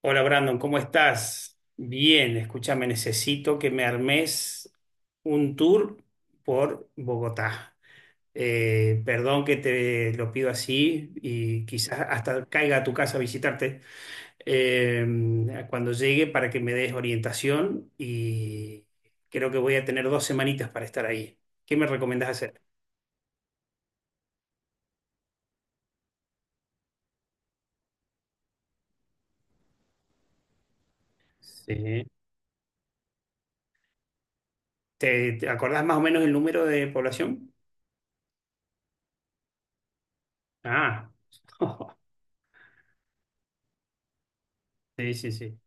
Hola Brandon, ¿cómo estás? Bien, escúchame, necesito que me armes un tour por Bogotá. Perdón que te lo pido así y quizás hasta caiga a tu casa a visitarte cuando llegue para que me des orientación y creo que voy a tener dos semanitas para estar ahí. ¿Qué me recomendás hacer? Sí. ¿Te acordás más o menos el número de población? Ah, sí, sí, sí.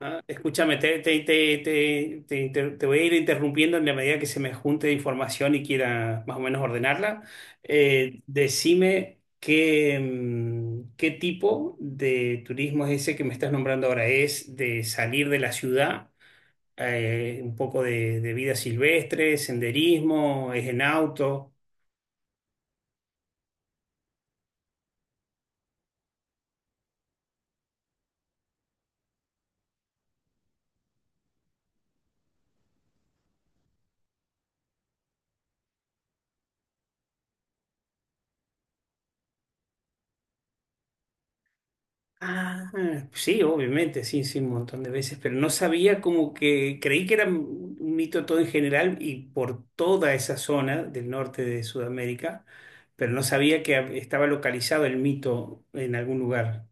Ah, escúchame, te voy a ir interrumpiendo en la medida que se me junte información y quiera más o menos ordenarla. Decime qué, qué tipo de turismo es ese que me estás nombrando ahora. ¿Es de salir de la ciudad? Un poco de vida silvestre, senderismo, es en auto. Ah, pues sí, obviamente, sí, sí, un montón de veces, pero no sabía como que creí que era un mito todo en general y por toda esa zona del norte de Sudamérica, pero no sabía que estaba localizado el mito en algún lugar.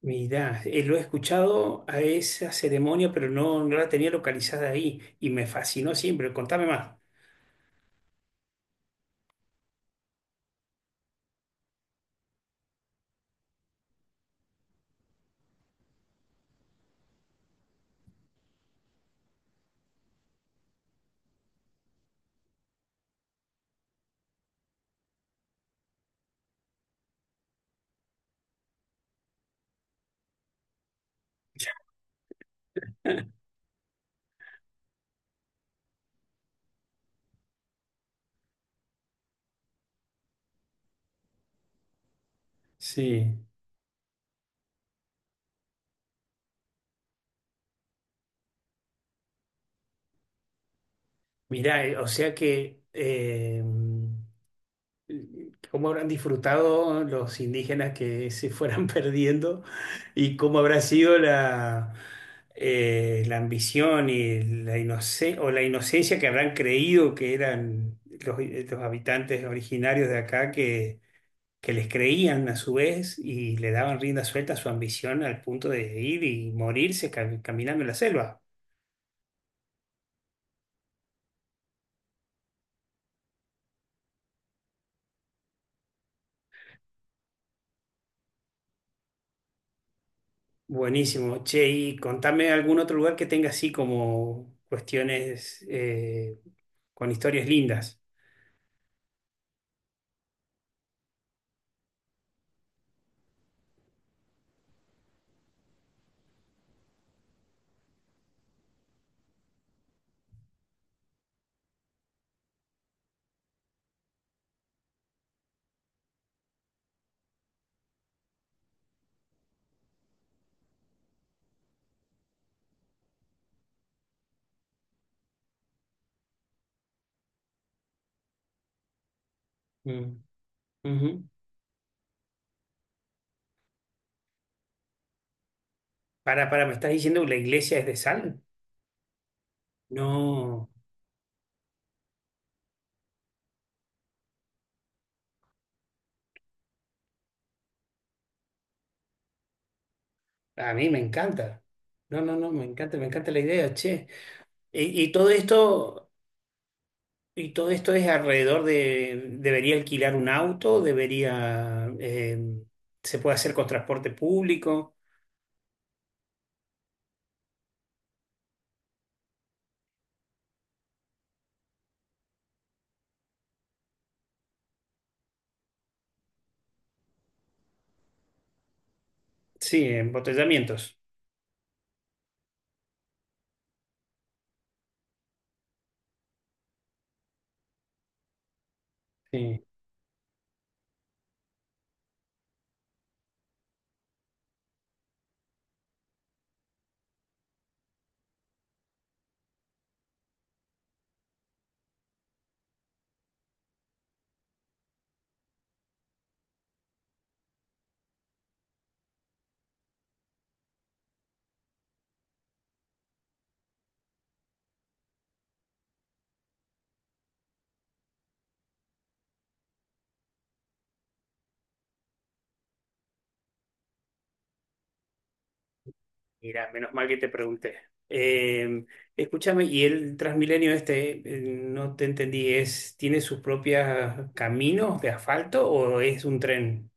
Mirá, lo he escuchado a esa ceremonia, pero no, no la tenía localizada ahí y me fascinó siempre. Contame más. Sí, mirá, o sea que cómo habrán disfrutado los indígenas que se fueran perdiendo y cómo habrá sido la, la ambición y la inocencia o la inocencia que habrán creído que eran los habitantes originarios de acá que les creían a su vez y le daban rienda suelta a su ambición al punto de ir y morirse caminando en la selva. Buenísimo. Che, y contame algún otro lugar que tenga así como cuestiones con historias lindas. Mm, ujú. Para, ¿me estás diciendo que la iglesia es de sal? No, a mí me encanta. No, no, no, me encanta la idea, che. Y, y todo esto, y todo esto es alrededor de, debería alquilar un auto, debería, se puede hacer con transporte público. Sí, embotellamientos. Sí. Mira, menos mal que te pregunté. Eh, Escúchame, y el Transmilenio este, no te entendí, es, ¿tiene sus propios caminos de asfalto o es un tren?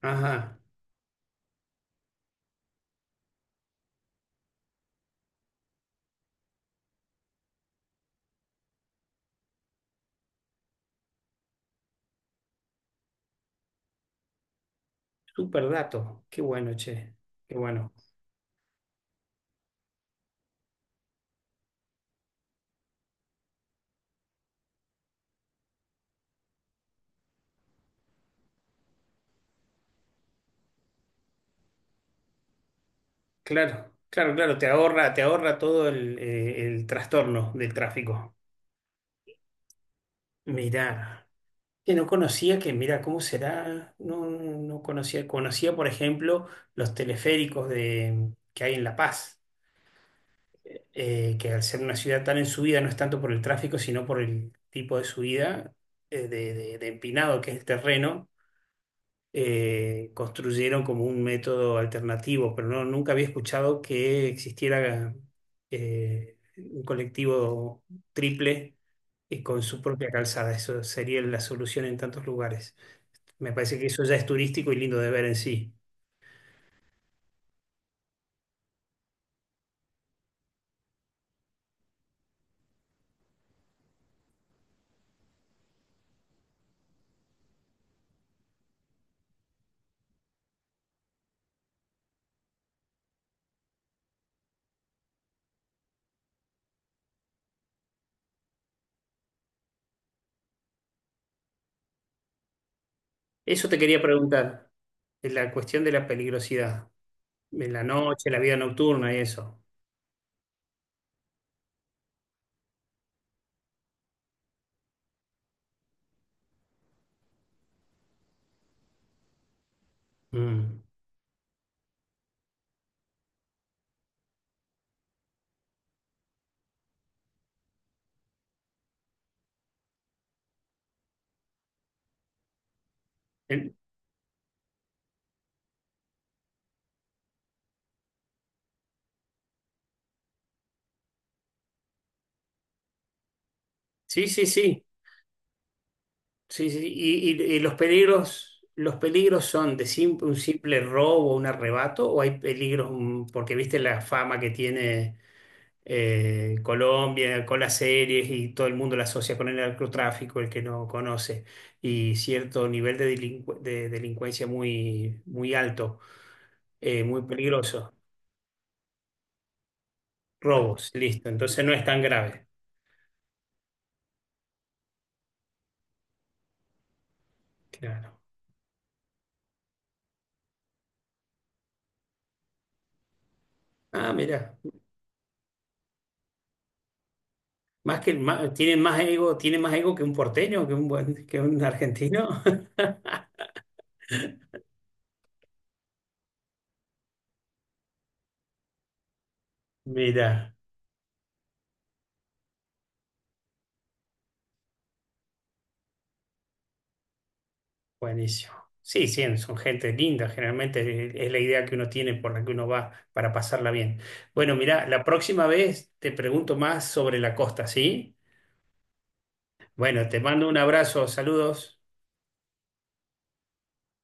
Ajá, súper dato. Qué bueno, che. Qué bueno. Claro, claro, claro, te ahorra todo el trastorno del tráfico. Mirá, que no conocía que, mira, ¿cómo será? No, no conocía, conocía, por ejemplo, los teleféricos de, que hay en La Paz que al ser una ciudad tan en subida no es tanto por el tráfico, sino por el tipo de subida de, de empinado que es el terreno, construyeron como un método alternativo, pero no, nunca había escuchado que existiera un colectivo triple y con su propia calzada. Eso sería la solución en tantos lugares. Me parece que eso ya es turístico y lindo de ver en sí. Eso te quería preguntar, la cuestión de la peligrosidad, de la noche, la vida nocturna y eso. Mm. En- sí, sí, sí, sí, sí, sí. Y, y los peligros son de un simple robo, un arrebato, o hay peligros, mm, porque viste la fama que tiene Colombia con las series y todo el mundo la asocia con el narcotráfico, el que no conoce, y cierto nivel de, de delincuencia muy, muy alto, muy peligroso. Robos, listo. Entonces no es tan grave. Claro. Ah, mira. Más que, tienen más ego, tiene más ego que un porteño, que un buen, que un argentino. Mira, buenísimo. Sí, sí, son gente linda, generalmente es la idea que uno tiene por la que uno va para pasarla bien. Bueno, mira, la próxima vez te pregunto más sobre la costa, ¿sí? Bueno, te mando un abrazo, saludos.